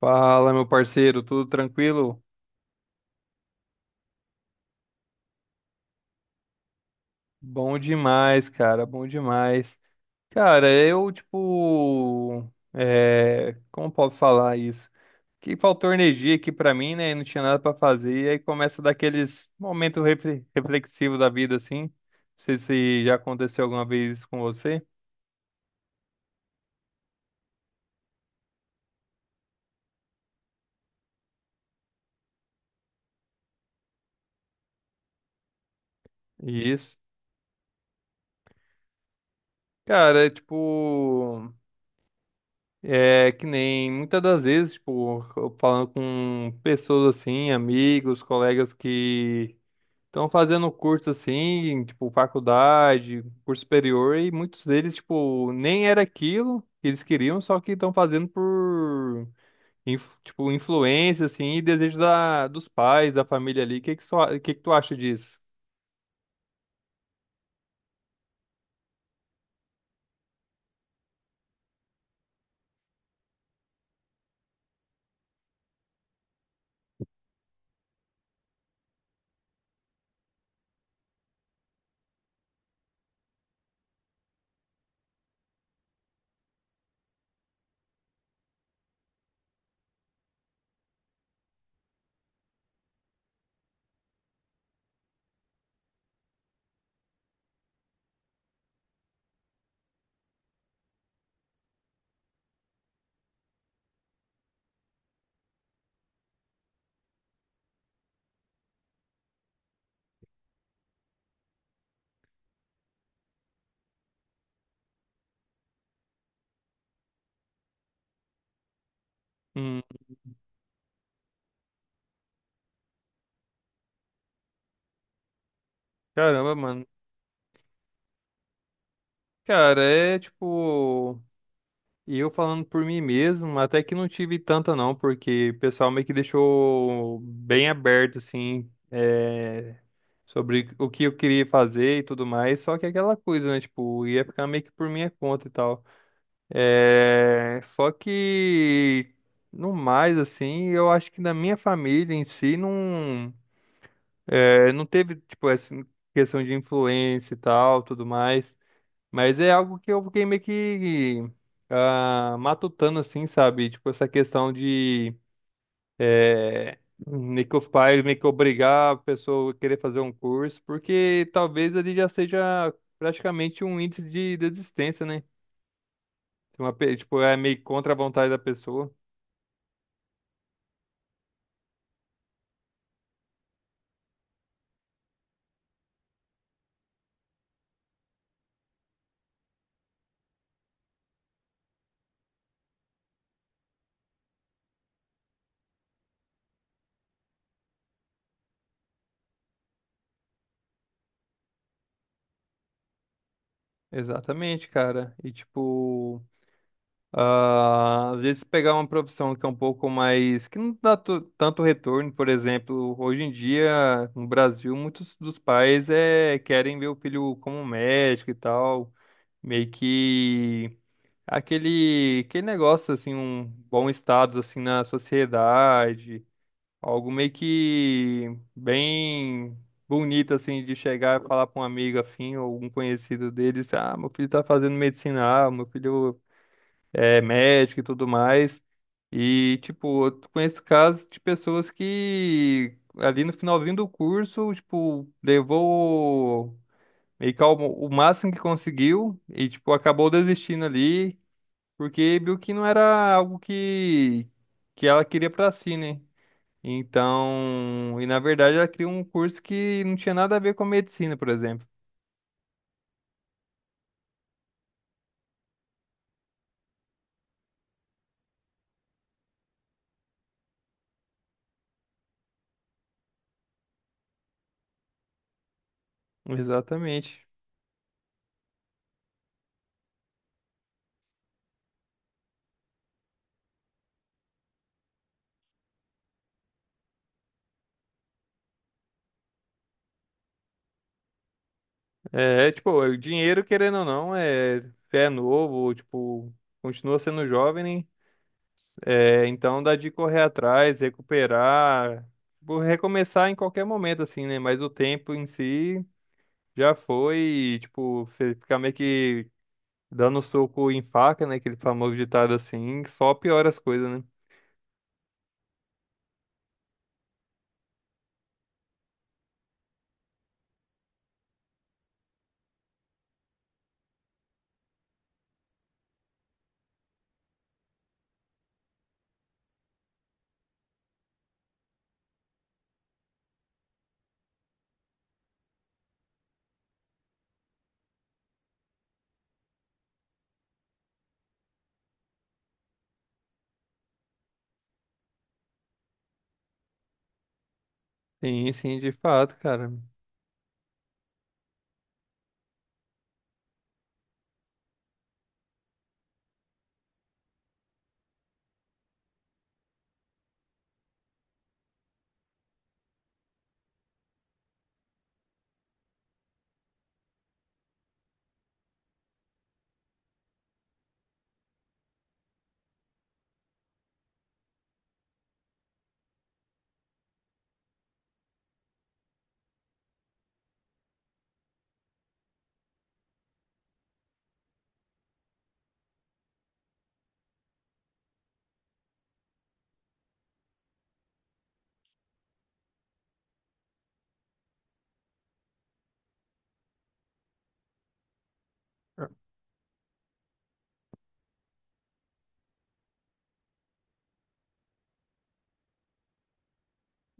Fala, meu parceiro, tudo tranquilo? Bom demais. Cara, eu, tipo, como posso falar isso? Que faltou energia aqui pra mim, né? Não tinha nada pra fazer. E aí começa daqueles momentos reflexivos da vida, assim. Não sei se já aconteceu alguma vez isso com você. Isso. Cara, é tipo, é que nem muitas das vezes, tipo, eu falando com pessoas assim, amigos, colegas que estão fazendo curso assim, tipo, faculdade, curso superior, e muitos deles, tipo, nem era aquilo que eles queriam, só que estão fazendo por, tipo, influência, assim, e desejo dos pais, da família ali. O que que tu acha disso? Hum, caramba, mano. Cara, é tipo. E eu falando por mim mesmo, até que não tive tanta não, porque o pessoal meio que deixou bem aberto, assim, sobre o que eu queria fazer e tudo mais, só que aquela coisa, né, tipo, ia ficar meio que por minha conta e tal. É, só que, no mais, assim, eu acho que na minha família em si não, não teve, tipo, essa questão de influência e tal, tudo mais. Mas é algo que eu fiquei meio que ah, matutando, assim, sabe? Tipo, essa questão de eh, meio que os pais meio que obrigar a pessoa a querer fazer um curso, porque talvez ele já seja praticamente um índice de desistência, né? Tipo, tipo, é meio contra a vontade da pessoa. Exatamente, cara. E tipo. Ah, às vezes pegar uma profissão que é um pouco mais, que não dá tanto retorno, por exemplo, hoje em dia no Brasil muitos dos pais querem ver o filho como médico e tal, meio que aquele negócio assim, um bom status assim na sociedade, algo meio que bem bonito assim de chegar e falar para um amigo afim ou algum conhecido deles, ah, meu filho tá fazendo medicina, ah, meu filho é médico e tudo mais. E, tipo, eu conheço casos de pessoas que ali no finalzinho do curso, tipo, levou meio que o máximo que conseguiu e, tipo, acabou desistindo ali, porque viu que não era algo que ela queria pra si, né? Então, e na verdade ela queria um curso que não tinha nada a ver com medicina, por exemplo. Exatamente. É, é, tipo, o dinheiro, querendo ou não, é novo, tipo, continua sendo jovem, né? É, então dá de correr atrás, recuperar, tipo, recomeçar em qualquer momento, assim, né? Mas o tempo em si já foi, e, tipo, você ficar meio que dando soco em faca, né? Aquele famoso ditado assim, que só piora as coisas, né? Sim, sim, de fato, cara.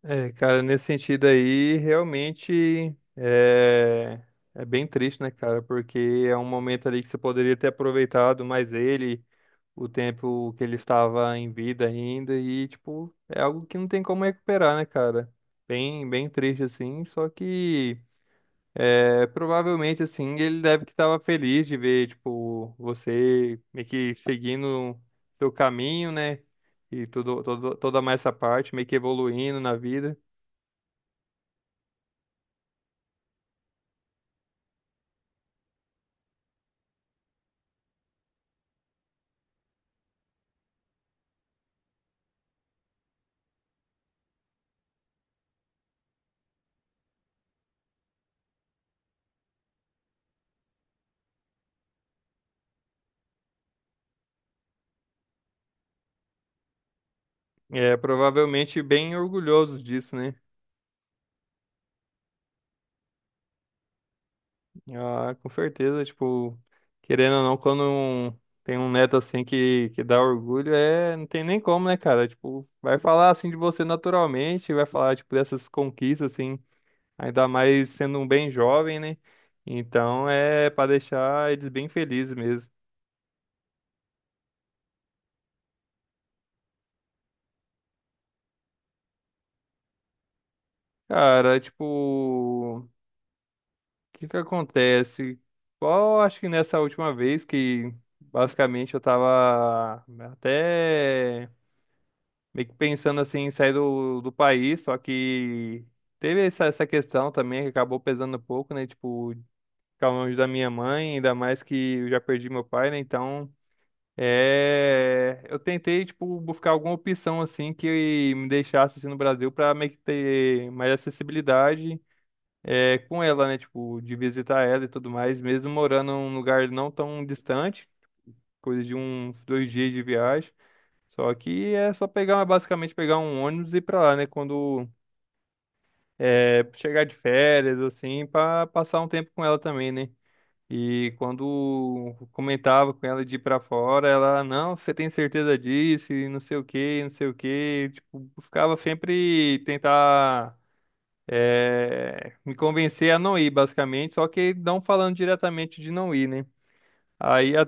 É, cara, nesse sentido aí, realmente é bem triste, né, cara? Porque é um momento ali que você poderia ter aproveitado mais ele, o tempo que ele estava em vida ainda, e, tipo, é algo que não tem como recuperar, né, cara? Bem, bem triste, assim, só que é, provavelmente, assim, ele deve que estava feliz de ver, tipo, você meio que seguindo seu caminho, né? E tudo, toda mais essa parte, meio que evoluindo na vida. É, provavelmente bem orgulhosos disso, né? Ah, com certeza, tipo, querendo ou não, tem um neto assim que dá orgulho, é, não tem nem como, né, cara? Tipo, vai falar assim de você naturalmente, vai falar, tipo, dessas conquistas, assim, ainda mais sendo um bem jovem, né? Então é pra deixar eles bem felizes mesmo. Cara, tipo. O que que acontece? Qual, acho que nessa última vez que basicamente eu tava até meio que pensando assim em sair do país, só que teve essa questão também que acabou pesando um pouco, né? Tipo, ficar longe da minha mãe, ainda mais que eu já perdi meu pai, né? Então, é, eu tentei, tipo, buscar alguma opção assim que me deixasse assim no Brasil pra meio que ter mais acessibilidade é, com ela, né? Tipo, de visitar ela e tudo mais, mesmo morando num lugar não tão distante, coisa de uns dois dias de viagem. Só que é só pegar, basicamente pegar um ônibus e ir pra lá, né? Quando é, chegar de férias, assim, pra passar um tempo com ela também, né? E quando comentava com ela de ir pra fora, ela, não, você tem certeza disso, e não sei o quê, não sei o quê. Tipo, ficava sempre tentar é, me convencer a não ir, basicamente, só que não falando diretamente de não ir, né? Aí, a-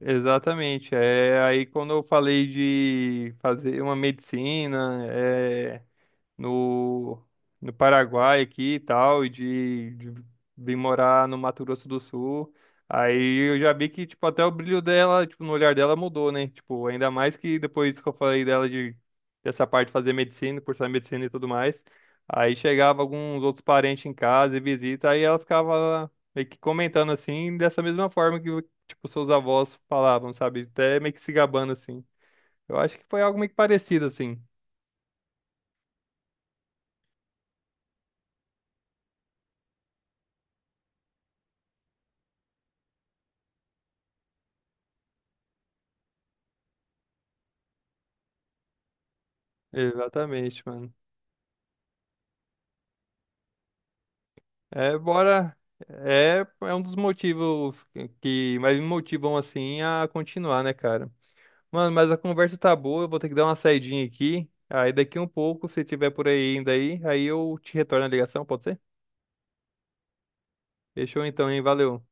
exatamente, é, aí quando eu falei de fazer uma medicina, é, no, no Paraguai aqui e tal, e de vir morar no Mato Grosso do Sul. Aí eu já vi que, tipo, até o brilho dela, tipo, no olhar dela mudou, né? Tipo, ainda mais que depois que eu falei dela de dessa parte de fazer medicina, cursar medicina e tudo mais. Aí chegava alguns outros parentes em casa e visita, aí ela ficava meio que comentando assim, dessa mesma forma que, tipo, seus avós falavam, sabe? Até meio que se gabando assim. Eu acho que foi algo meio que parecido assim. Exatamente, mano. É, bora. É, é um dos motivos que mais me motivam assim a continuar, né, cara? Mano, mas a conversa tá boa, eu vou ter que dar uma saidinha aqui. Aí daqui um pouco, se tiver por aí ainda aí, aí eu te retorno a ligação, pode ser? Fechou então, hein? Valeu.